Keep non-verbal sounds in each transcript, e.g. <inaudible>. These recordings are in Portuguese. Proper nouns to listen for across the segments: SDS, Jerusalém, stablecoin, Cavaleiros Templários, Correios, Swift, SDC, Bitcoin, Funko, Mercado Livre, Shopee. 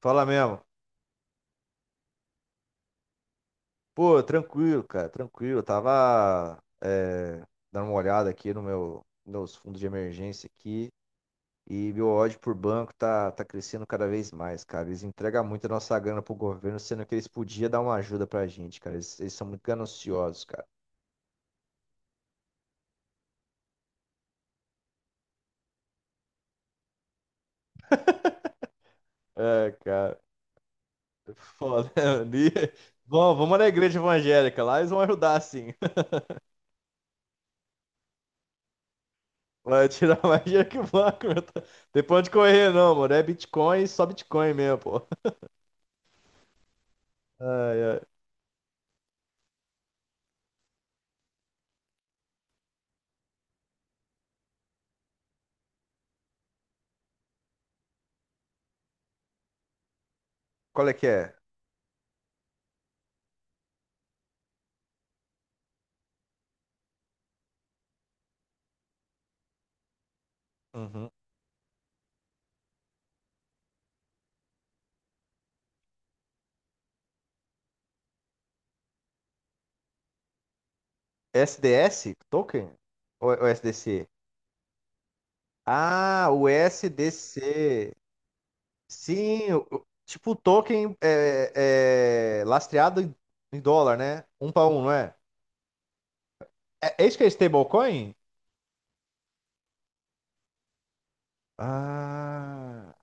Fala mesmo. Pô, tranquilo, cara, tranquilo. Eu tava dando uma olhada aqui no meus fundos de emergência aqui e meu ódio por banco tá crescendo cada vez mais, cara. Eles entregam muito a nossa grana pro governo, sendo que eles podiam dar uma ajuda pra gente, cara. Eles são muito gananciosos, cara. É, cara, foda. <laughs> ali. Bom, vamos na igreja evangélica, lá eles vão ajudar sim. <laughs> Vai tirar mais dinheiro que o banco, meu. Tem pra onde correr, não, mano. É Bitcoin, só Bitcoin mesmo, pô. Ai, ai. Qual é que é? Uhum. SDS? Token? Ou, é, ou SDC? Ah, o SDC. Sim, tipo o token é lastreado em dólar, né? Um para um, não é? É, é isso que é stablecoin? Ah,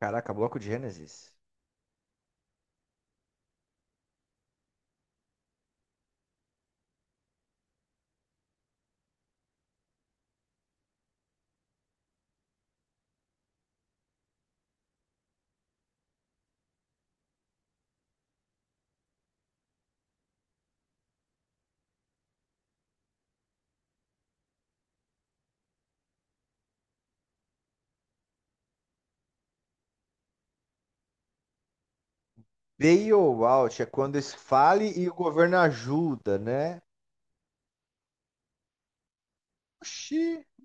caraca, bloco de Gênesis. Bailout é quando esfale e o governo ajuda, né? Oxi,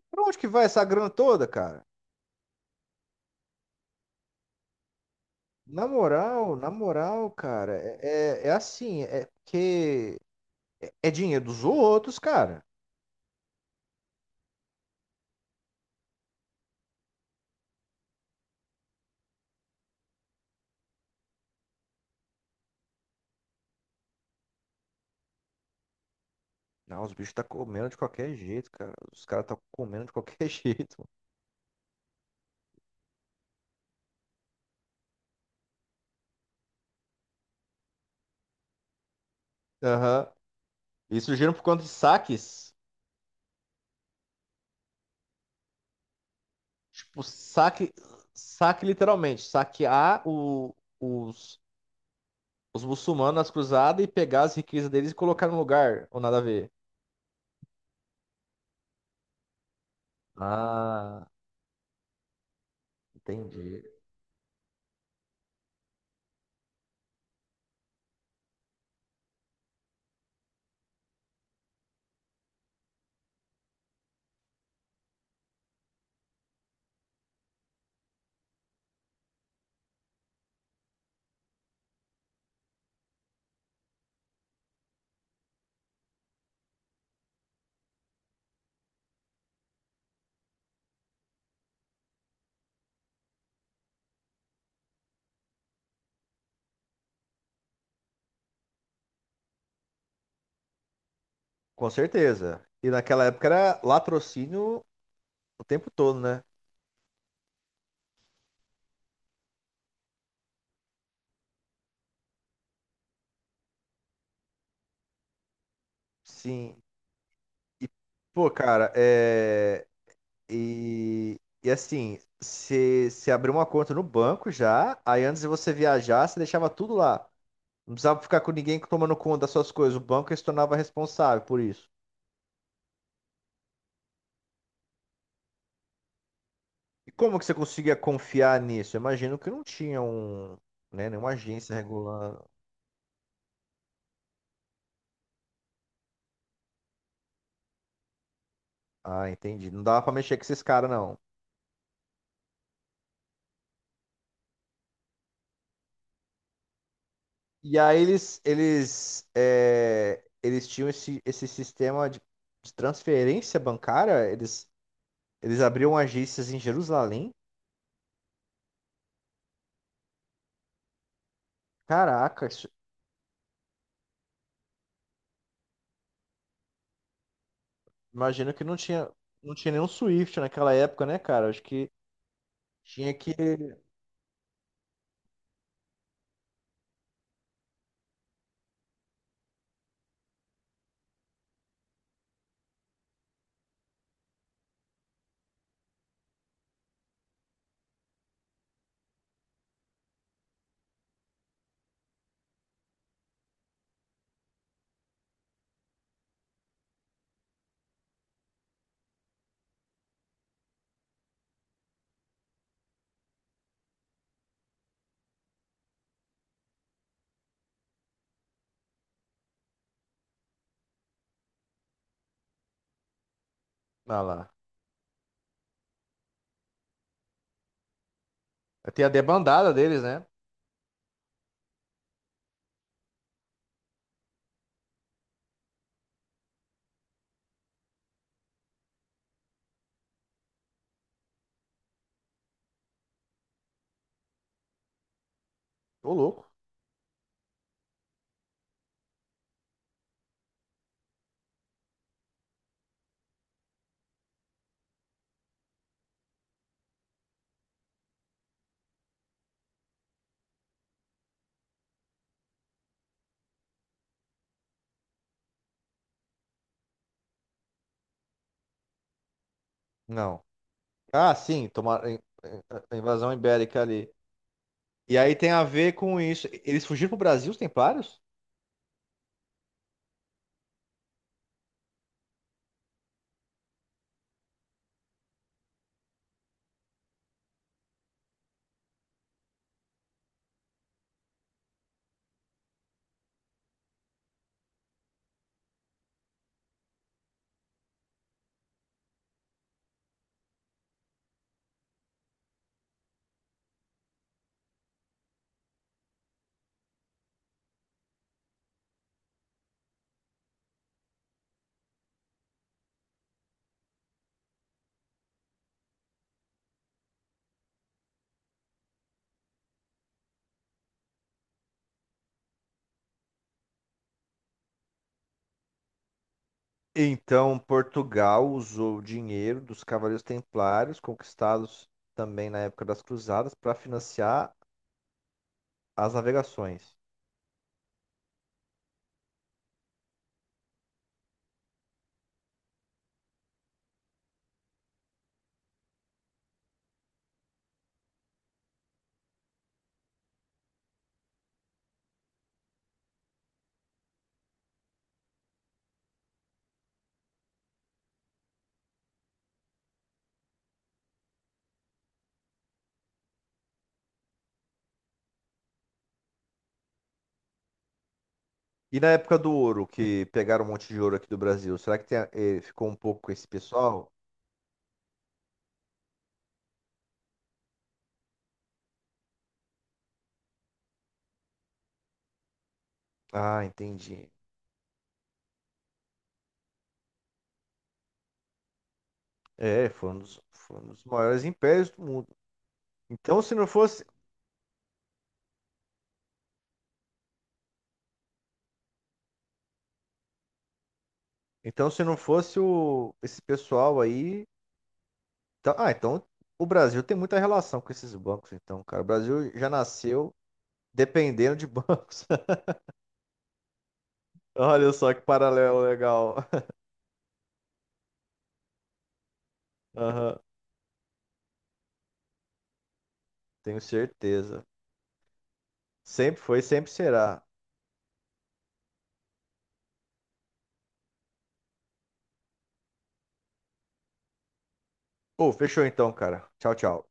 pra onde que vai essa grana toda, cara? Na moral, cara, é assim, é porque é, é dinheiro dos outros, cara. Não, os bichos tá comendo de qualquer jeito, cara. Os caras tá comendo de qualquer <laughs> jeito. Mano. Aham. Isso gira por conta de saques. Tipo, saque literalmente, saquear os muçulmanos nas cruzadas e pegar as riquezas deles e colocar no lugar, ou nada a ver. Ah, entendi. Com certeza. E naquela época era latrocínio o tempo todo, né? Sim. E, pô, cara, é. E assim, se abriu uma conta no banco já, aí antes de você viajar, você deixava tudo lá. Não precisava ficar com ninguém tomando conta das suas coisas. O banco se tornava responsável por isso. E como que você conseguia confiar nisso? Eu imagino que não tinha né, nenhuma agência regulando. Ah, entendi. Não dava pra mexer com esses caras, não. E aí eles tinham esse sistema de transferência bancária, eles. Eles abriram agências em Jerusalém? Caraca, imagino que não tinha, não tinha nenhum Swift naquela época, né, cara? Acho que tinha que. Ah lá. Tem a debandada deles, né? Ô, louco. Não. Ah, sim, em- a invasão ibérica ali. E aí tem a ver com isso. Eles fugiram pro Brasil, os templários? Então, Portugal usou o dinheiro dos Cavaleiros Templários, conquistados também na época das Cruzadas, para financiar as navegações. E na época do ouro, que pegaram um monte de ouro aqui do Brasil, será que tem, ficou um pouco com esse pessoal? Ah, entendi. É, foi um dos maiores impérios do mundo. Então, se não fosse, então, se não fosse esse pessoal aí. Então o Brasil tem muita relação com esses bancos, então, cara. O Brasil já nasceu dependendo de bancos. <laughs> Olha só que paralelo legal. <laughs> Aham, tenho certeza. Sempre foi, sempre será. Pô, fechou então, cara. Tchau, tchau.